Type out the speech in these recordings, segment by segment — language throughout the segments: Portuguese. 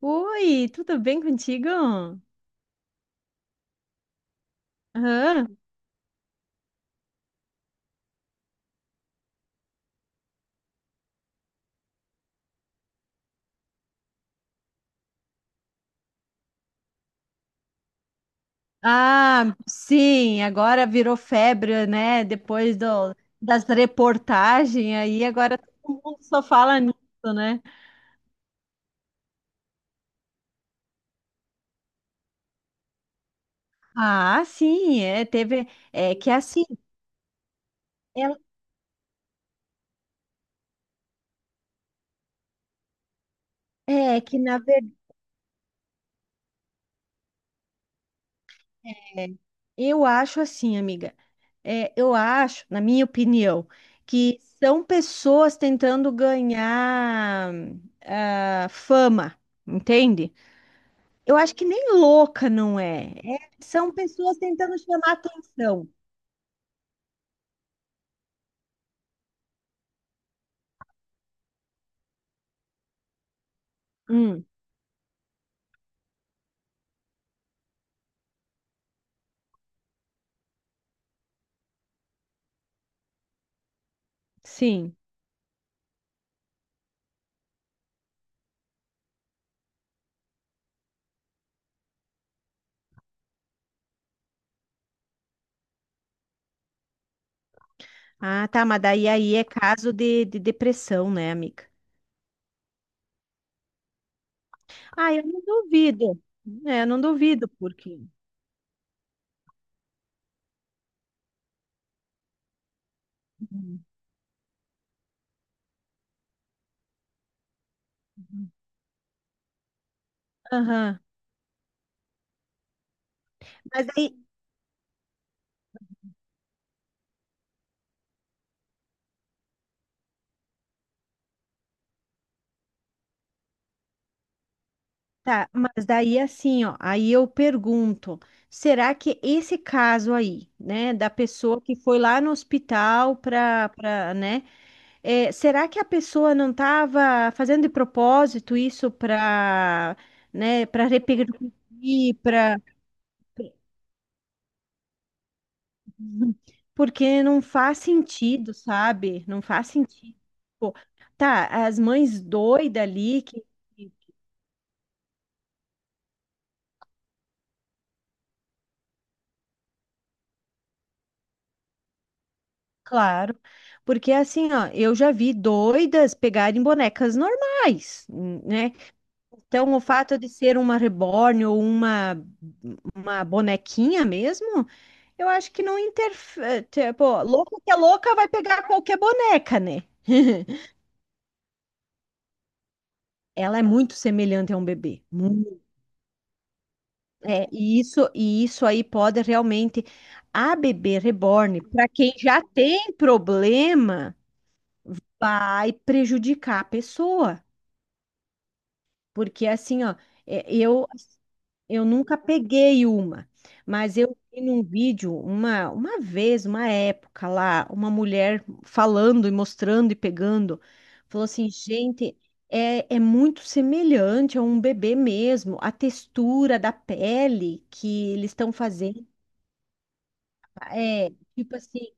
Oi, tudo bem contigo? Aham. Ah, sim, agora virou febre, né? Das reportagens aí, agora todo mundo só fala nisso, né? Ah, sim, é, teve, é que assim, é, é que na verdade, eu acho assim, amiga, é, eu acho, na minha opinião, que são pessoas tentando ganhar ah, fama, entende? Eu acho que nem louca não é. É- são pessoas tentando chamar atenção. Hum, sim. Ah, tá, mas daí aí é caso de depressão, né, amiga? Ah, eu não duvido. É, eu não duvido, porque. Uhum. Aham. Mas daí, tá, mas daí assim, ó, aí eu pergunto, será que esse caso aí, né, da pessoa que foi lá no hospital né, É, será que a pessoa não estava fazendo de propósito isso para, né, para repercutir, para porque não faz sentido, sabe? Não faz sentido. Pô, tá, as mães doidas ali que, que- claro, porque assim, ó, eu já vi doidas pegarem bonecas normais, né? Então, o fato de ser uma reborn ou uma bonequinha mesmo eu acho que não interfere. Tipo, louca que é louca vai pegar qualquer boneca, né? Ela é muito semelhante a um bebê. Muito. É, e isso aí pode realmente. A bebê reborn, para quem já tem problema, vai prejudicar a pessoa. Porque assim, ó, é, eu nunca peguei uma, mas eu vi num vídeo uma vez, uma época lá, uma mulher falando e mostrando e pegando, falou assim, gente, é, é muito semelhante a um bebê mesmo, a textura da pele que eles estão fazendo, é tipo assim,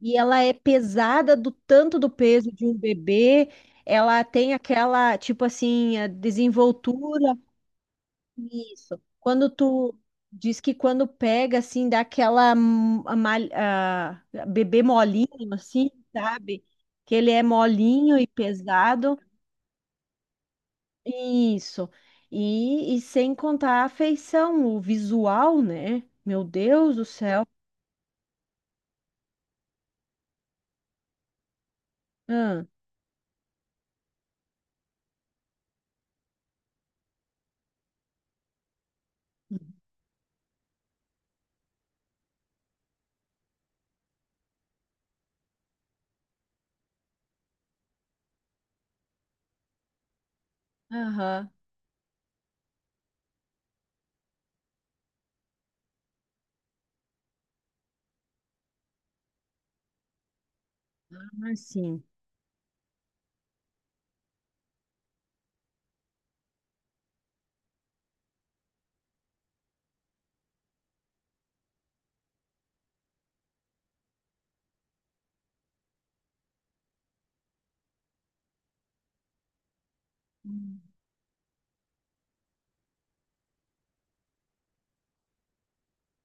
e ela é pesada do tanto do peso de um bebê, ela tem aquela, tipo assim, a desenvoltura. Isso. Quando tu diz que quando pega, assim, dá aquela bebê molinho, assim, sabe? Que ele é molinho e pesado. Isso. E sem contar a afeição o visual, né? Meu Deus do céu. Ah, aham. Ah, sim.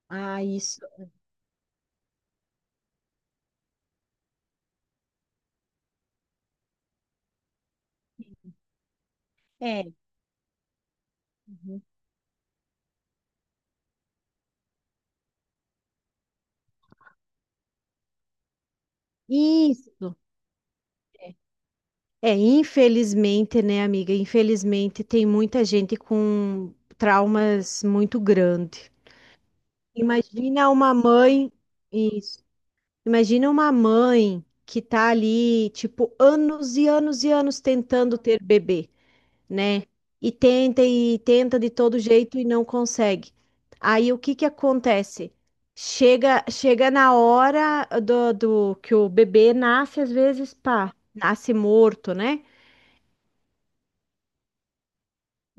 Ah, isso. É. Uhum. Isso. É. É, infelizmente, né, amiga? Infelizmente, tem muita gente com traumas muito grandes. Imagina uma mãe, isso. Imagina uma mãe que tá ali, tipo, anos e anos e anos tentando ter bebê, né? E tenta de todo jeito e não consegue. Aí o que que acontece? Chega, chega na hora do que o bebê nasce, às vezes, pá, nasce morto, né?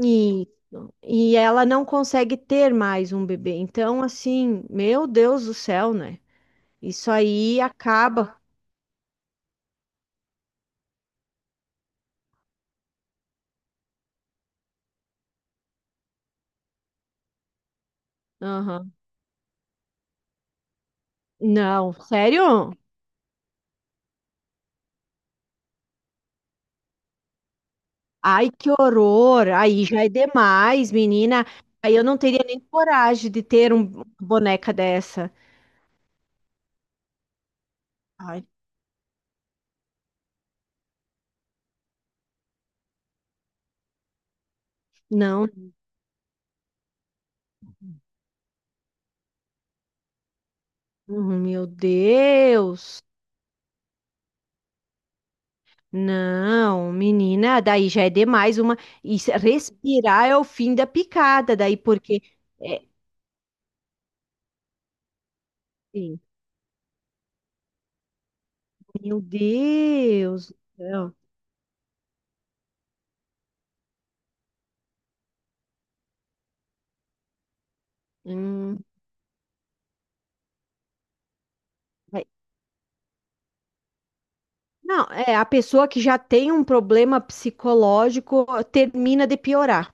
Isso. E ela não consegue ter mais um bebê. Então, assim, meu Deus do céu, né? Isso aí acaba. Aham. Não, sério? Ai, que horror! Aí já é demais, menina. Aí eu não teria nem coragem de ter uma boneca dessa. Ai, não, uhum, meu Deus. Não, menina, daí já é demais uma. Isso, respirar é o fim da picada, daí porque. É, sim. Meu Deus. Não, hum, vai- não, é a pessoa que já tem um problema psicológico termina de piorar.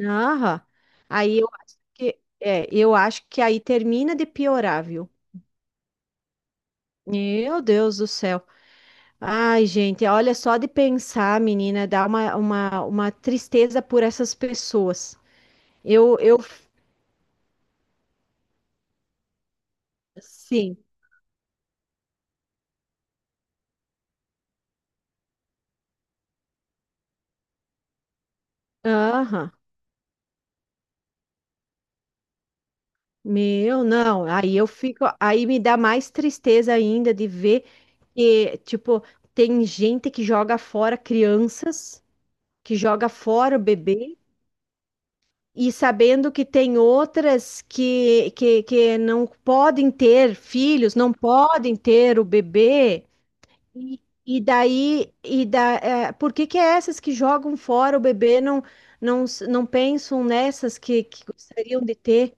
Aham. Aí eu acho que é, eu acho que aí termina de piorar, viu? Meu Deus do céu. Ai, gente, olha só de pensar, menina, dá uma tristeza por essas pessoas. Eu, sim, aham, meu, não, aí eu fico, aí me dá mais tristeza ainda de ver. E, tipo, tem gente que joga fora crianças, que joga fora o bebê, e sabendo que tem outras que não podem ter filhos, não podem ter o bebê. E daí, e da, é, por que que é essas que jogam fora o bebê não, não, não pensam nessas que gostariam de ter?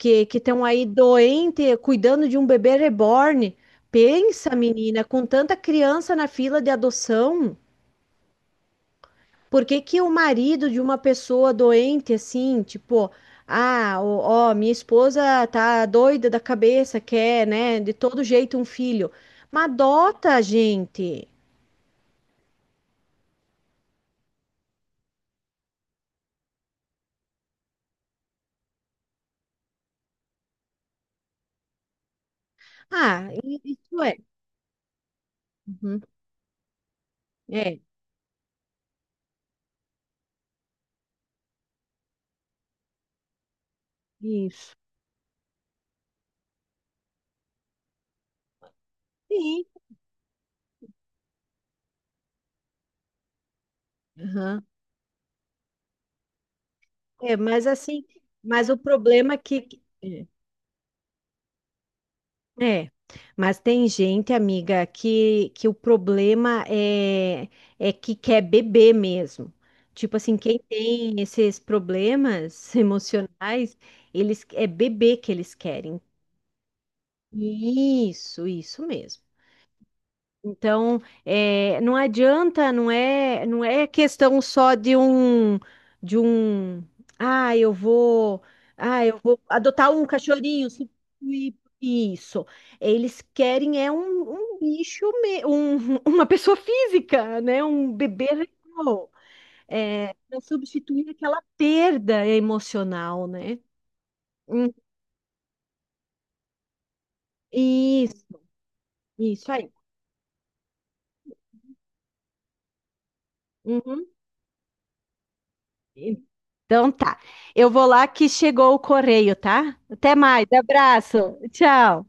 Que estão aí doente, cuidando de um bebê reborn. Pensa, menina, com tanta criança na fila de adoção, por que que o marido de uma pessoa doente assim, tipo, ah, ó, ó, minha esposa tá doida da cabeça, quer, né, de todo jeito um filho. Mas adota, gente. Ah, isso é. Uhum. É, isso. Sim. Aham. É, mas assim, mas o problema é que é, mas tem gente, amiga, que o problema é, é que quer beber mesmo. Tipo assim, quem tem esses problemas emocionais, eles é beber que eles querem. Isso mesmo. Então, eh, não adianta, não é, não é questão só de um, ah, eu vou, ah, eu vou adotar um cachorrinho, substituir por isso. Eles querem é um, um bicho, uma pessoa física, né? Um bebê real, é, para substituir aquela perda emocional, né? Hum, isso, isso aí. Uhum. Então tá. Eu vou lá que chegou o correio, tá? Até mais. Abraço. Tchau.